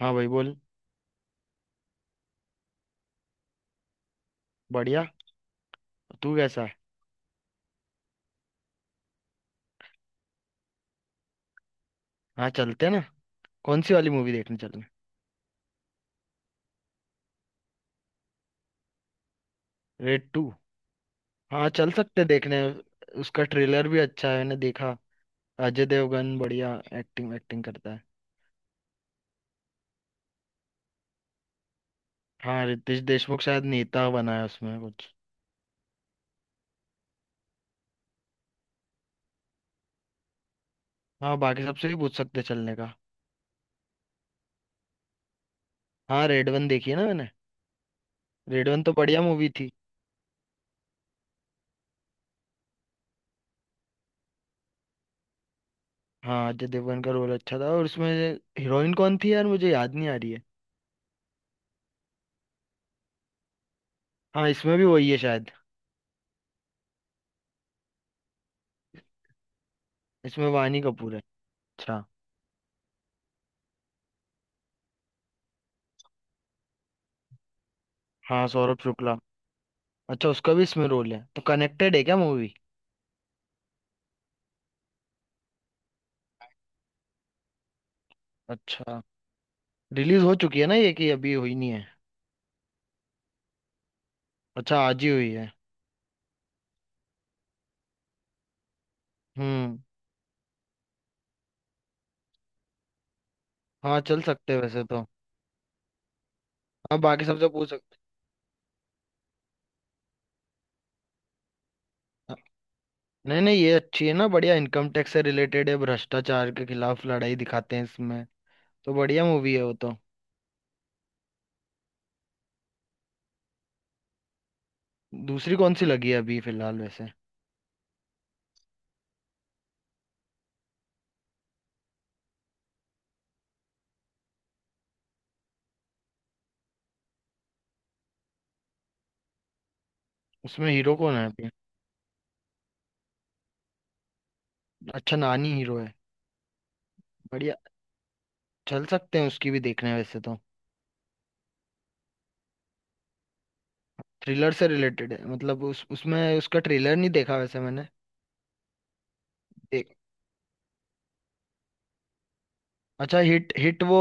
हाँ भाई बोल। बढ़िया। तू कैसा है? हाँ चलते हैं ना। कौन सी वाली मूवी देखने चलें? Red to? हाँ चल सकते हैं देखने। उसका ट्रेलर भी अच्छा है, मैंने देखा। अजय देवगन बढ़िया एक्टिंग एक्टिंग करता है। हाँ रितेश देशमुख शायद नेता बना है उसमें कुछ। हाँ बाकी सबसे भी पूछ सकते हैं चलने का। हाँ रेड वन देखी है ना मैंने। रेड वन तो बढ़िया मूवी थी। हाँ अजय देवगन का रोल अच्छा था, और उसमें हीरोइन कौन थी यार, मुझे याद नहीं आ रही है। हाँ इसमें भी वही है शायद। इसमें वानी कपूर है। अच्छा। हाँ सौरभ शुक्ला। अच्छा उसका भी इसमें रोल है तो कनेक्टेड है क्या मूवी? अच्छा रिलीज हो चुकी है ना ये, कि अभी हुई नहीं है? अच्छा आज ही हुई है। हम्म। हाँ चल सकते हैं वैसे तो। हाँ बाकी सबसे पूछ सकते हैं। नहीं नहीं ये अच्छी है ना, बढ़िया, इनकम टैक्स से रिलेटेड है, भ्रष्टाचार के खिलाफ लड़ाई दिखाते हैं इसमें। तो बढ़िया मूवी है वो तो। दूसरी कौन सी लगी है अभी फिलहाल वैसे? उसमें हीरो कौन है अभी? अच्छा नानी हीरो है। बढ़िया। चल सकते हैं उसकी भी देखने वैसे तो। थ्रिलर से रिलेटेड है मतलब, उस उसमें उसका ट्रेलर नहीं देखा वैसे मैंने। अच्छा हिट हिट वो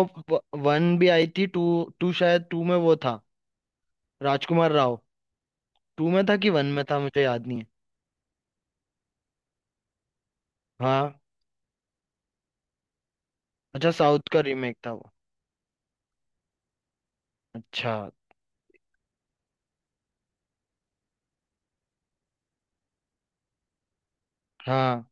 वन भी आई थी टू? टू शायद, टू में वो था, राजकुमार राव। टू में था कि वन में था मुझे याद नहीं है। हाँ। अच्छा साउथ का रीमेक था वो। अच्छा। हाँ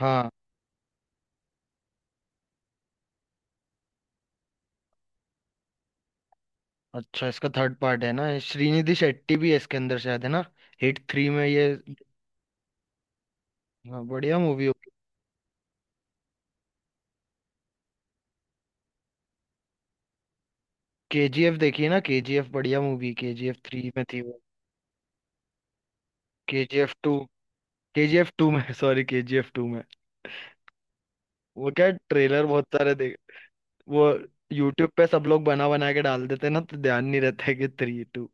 हाँ। अच्छा इसका थर्ड पार्ट है ना ये, श्रीनिधि शेट्टी भी है इसके अंदर शायद, है ना, हिट थ्री में ये। हाँ बढ़िया मूवी होगी। केजीएफ देखिए ना, केजीएफ बढ़िया मूवी, केजीएफ थ्री में थी वो। KGF two. केजीएफ टू में सॉरी केजीएफ टू में। वो क्या ट्रेलर बहुत सारे देख वो, यूट्यूब पे सब लोग बना बना के डाल देते हैं ना, तो ध्यान नहीं रहता है कि थ्री टू।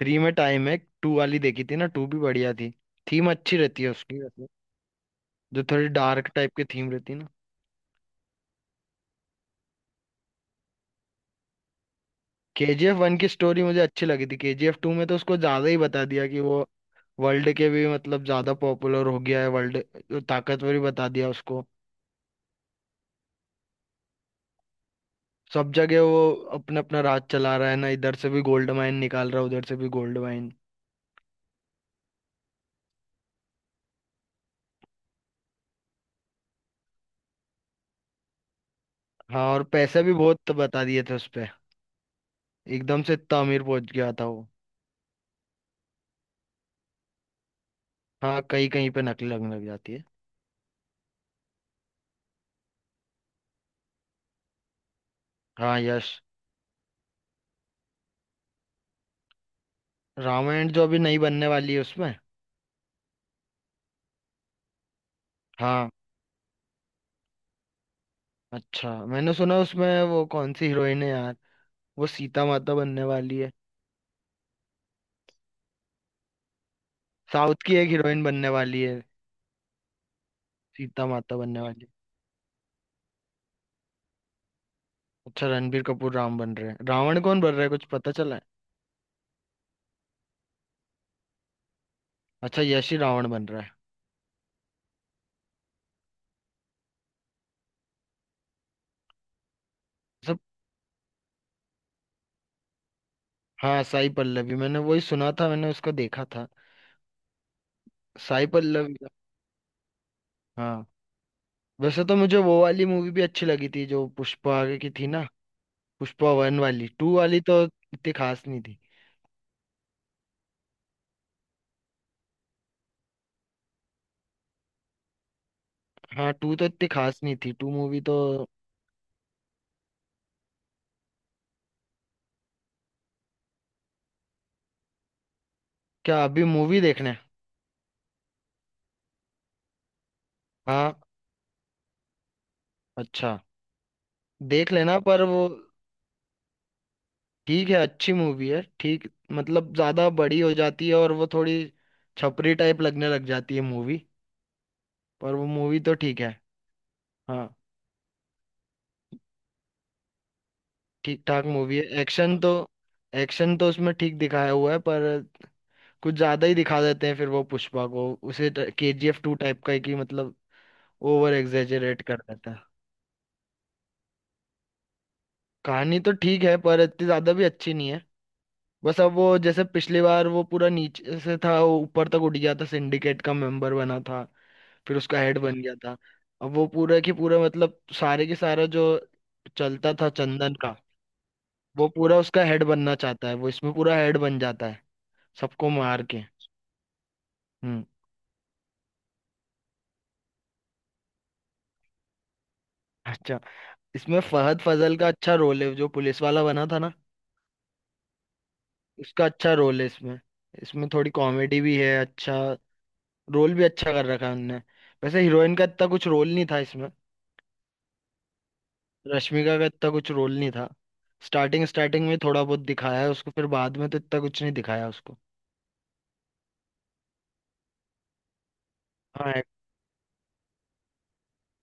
थ्री में टाइम है। टू वाली देखी थी ना, टू भी बढ़िया थी। थीम अच्छी रहती है उसकी वैसे, जो थोड़ी डार्क टाइप की थीम रहती है ना। केजीएफ वन की स्टोरी मुझे अच्छी लगी थी। केजीएफ टू में तो उसको ज्यादा ही बता दिया कि वो वर्ल्ड के भी मतलब ज्यादा पॉपुलर हो गया है, वर्ल्ड ताकतवर ही बता दिया उसको। सब जगह वो अपना अपना राज चला रहा है ना, इधर से भी गोल्ड माइन निकाल रहा है, उधर से भी गोल्ड माइन। हाँ और पैसे भी बहुत बता दिए थे उस, एकदम से इतना अमीर पहुंच गया था वो। हाँ कहीं कहीं पे नकली लगने लग जाती है। हाँ यश। रामायण जो अभी नई बनने वाली है उसमें। हाँ। अच्छा मैंने सुना, उसमें वो कौन सी हीरोइन है यार, वो सीता माता बनने वाली है। साउथ की एक हीरोइन बनने वाली है, सीता माता बनने वाली है। अच्छा रणबीर कपूर राम बन रहे हैं, रावण कौन बन रहा है कुछ पता चला है? अच्छा यश ही रावण बन रहा है। सब। हाँ साई पल्लवी, मैंने वही सुना था, मैंने उसको देखा था। साई पल्लवी का। हाँ। वैसे तो मुझे वो वाली मूवी भी अच्छी लगी थी जो पुष्पा आगे की थी ना, पुष्पा वन वाली, टू वाली तो इतनी खास नहीं थी। हाँ टू तो इतनी खास नहीं थी, टू मूवी तो। क्या अभी मूवी देखने? हाँ। अच्छा। देख लेना, पर वो ठीक है, अच्छी मूवी है, ठीक, मतलब ज्यादा बड़ी हो जाती है और वो थोड़ी छपरी टाइप लगने लग जाती है मूवी, पर वो मूवी तो ठीक है। हाँ। ठीक ठाक मूवी है, एक्शन तो, उसमें ठीक दिखाया हुआ है, पर कुछ ज्यादा ही दिखा देते हैं फिर वो पुष्पा को उसे। केजीएफ टू टाइप का है कि मतलब ओवर एग्जेजरेट कर देते हैं। कहानी तो ठीक है पर इतनी ज्यादा भी अच्छी नहीं है। बस अब वो, जैसे पिछली बार वो पूरा नीचे से था, वो ऊपर तक उठ गया था, सिंडिकेट का मेंबर बना था, फिर उसका हेड बन गया था। अब वो पूरा की पूरा मतलब सारे के सारा जो चलता था चंदन का, वो पूरा उसका हेड बनना चाहता है, वो इसमें पूरा हेड बन जाता है सबको मार के। हम्म। अच्छा। इसमें फहद फजल का अच्छा रोल है, जो पुलिस वाला बना था ना, उसका अच्छा रोल है इसमें। इसमें थोड़ी कॉमेडी भी है, अच्छा रोल भी अच्छा कर रखा है उनने। वैसे हीरोइन का इतना कुछ रोल नहीं था इसमें। रश्मिका का इतना कुछ रोल नहीं था। स्टार्टिंग स्टार्टिंग में थोड़ा बहुत दिखाया है उसको, फिर बाद में तो इतना कुछ नहीं दिखाया उसको। हाँ एक-।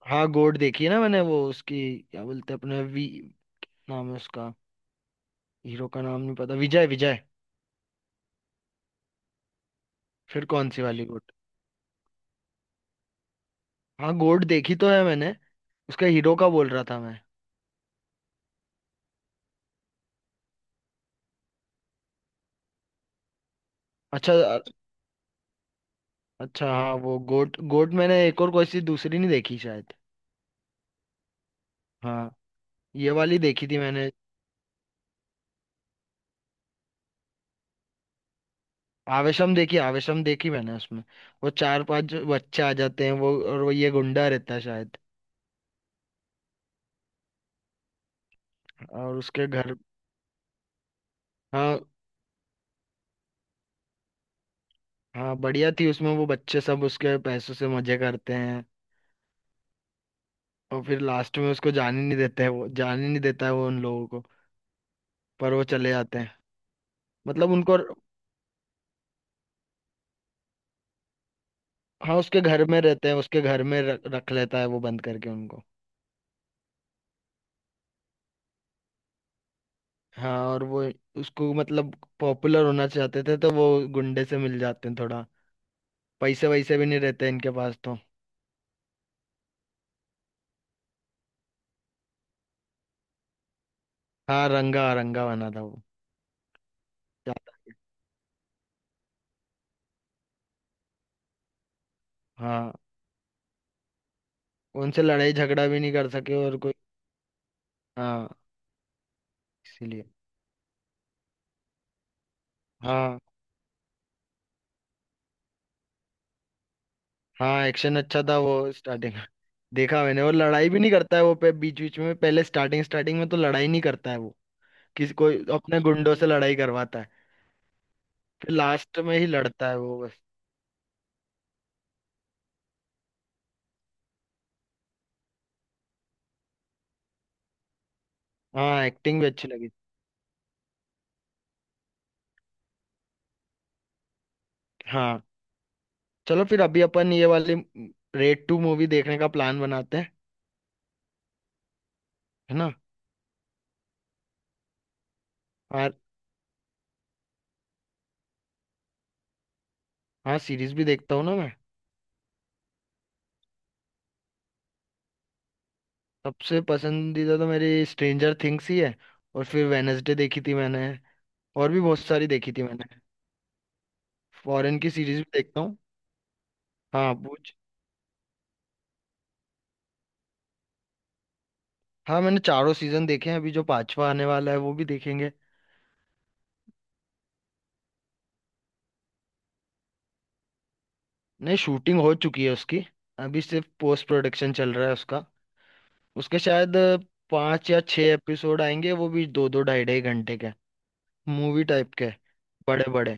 हाँ गोड देखी है ना मैंने, वो उसकी क्या बोलते हैं अपने वी नाम है उसका, हीरो का नाम नहीं पता, विजय विजय। फिर कौन सी वाली गोड? हाँ गोड देखी तो है मैंने, उसका हीरो का बोल रहा था मैं। अच्छा अ-। अच्छा हाँ वो गोट गोट, मैंने एक और कोई सी दूसरी नहीं देखी शायद। हाँ ये वाली देखी थी मैंने। आवेशम देखी, आवेशम देखी मैंने, उसमें वो चार पांच जो बच्चे आ जाते हैं वो, और वो ये गुंडा रहता है शायद, और उसके घर। हाँ। हाँ बढ़िया थी, उसमें वो बच्चे सब उसके पैसों से मजे करते हैं, और फिर लास्ट में उसको जाने नहीं देते हैं, वो जाने नहीं देता है वो उन लोगों को। पर वो चले जाते हैं, मतलब उनको। हाँ उसके घर में रहते हैं, उसके घर में रख लेता है वो बंद करके उनको। हाँ और वो उसको, मतलब पॉपुलर होना चाहते थे, तो वो गुंडे से मिल जाते हैं थोड़ा, पैसे वैसे भी नहीं रहते इनके पास तो। हाँ रंगा रंगा बना था वो। याद-। हाँ उनसे लड़ाई झगड़ा भी नहीं कर सके और कोई। हाँ इसीलिए। हाँ। हाँ एक्शन अच्छा था वो स्टार्टिंग देखा मैंने, और लड़ाई भी नहीं करता है वो पे बीच बीच में पहले, स्टार्टिंग स्टार्टिंग में तो लड़ाई नहीं करता है वो, किसी कोई अपने गुंडों से लड़ाई करवाता है, फिर लास्ट में ही लड़ता है वो बस। हाँ एक्टिंग भी अच्छी लगी। हाँ चलो फिर, अभी अपन ये वाली रेड टू मूवी देखने का प्लान बनाते हैं, है ना। और। हाँ सीरीज भी देखता हूँ ना मैं। सबसे पसंदीदा तो मेरी स्ट्रेंजर थिंग्स ही है, और फिर वेनसडे देखी थी मैंने, और भी बहुत सारी देखी थी मैंने। फॉरेन की सीरीज भी देखता हूँ। हाँ पूछ। हाँ मैंने चारों सीजन देखे हैं, अभी जो पांचवा आने वाला है वो भी देखेंगे। नहीं शूटिंग हो चुकी है उसकी, अभी सिर्फ पोस्ट प्रोडक्शन चल रहा है उसका। उसके शायद 5 या 6 एपिसोड आएंगे, वो भी 2-2 ढाई-ढाई घंटे के, मूवी टाइप के, बड़े बड़े।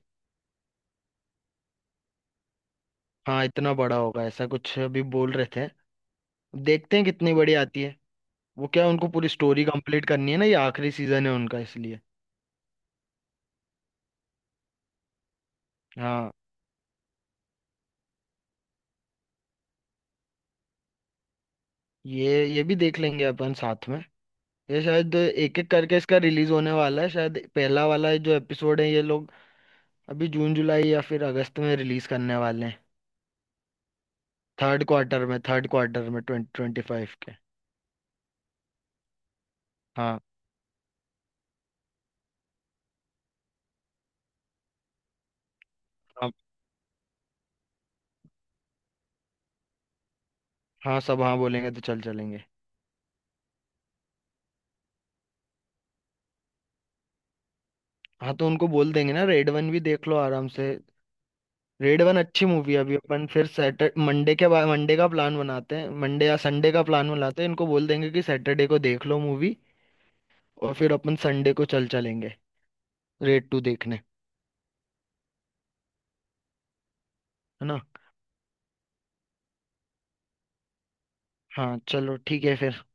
हाँ इतना बड़ा होगा ऐसा कुछ अभी बोल रहे थे। देखते हैं कितनी बड़ी आती है। वो क्या है, उनको पूरी स्टोरी कंप्लीट करनी है ना, ये आखिरी सीजन है उनका इसलिए। हाँ ये भी देख लेंगे अपन साथ में। ये शायद एक एक करके इसका रिलीज होने वाला है, शायद पहला वाला जो एपिसोड है ये लोग अभी जून जुलाई या फिर अगस्त में रिलीज करने वाले हैं। थर्ड क्वार्टर में 2025 के। हाँ। हाँ। हाँ सब हाँ बोलेंगे तो चल चलेंगे। हाँ तो उनको बोल देंगे ना, रेड वन भी देख लो आराम से, रेड वन अच्छी मूवी है, अभी अपन फिर सैटरडे मंडे के बाद मंडे का प्लान बनाते हैं, मंडे या संडे का प्लान बनाते हैं, इनको बोल देंगे कि सैटरडे को देख लो मूवी, और फिर अपन संडे को चल चलेंगे रेड टू देखने, है ना। हाँ चलो ठीक है फिर।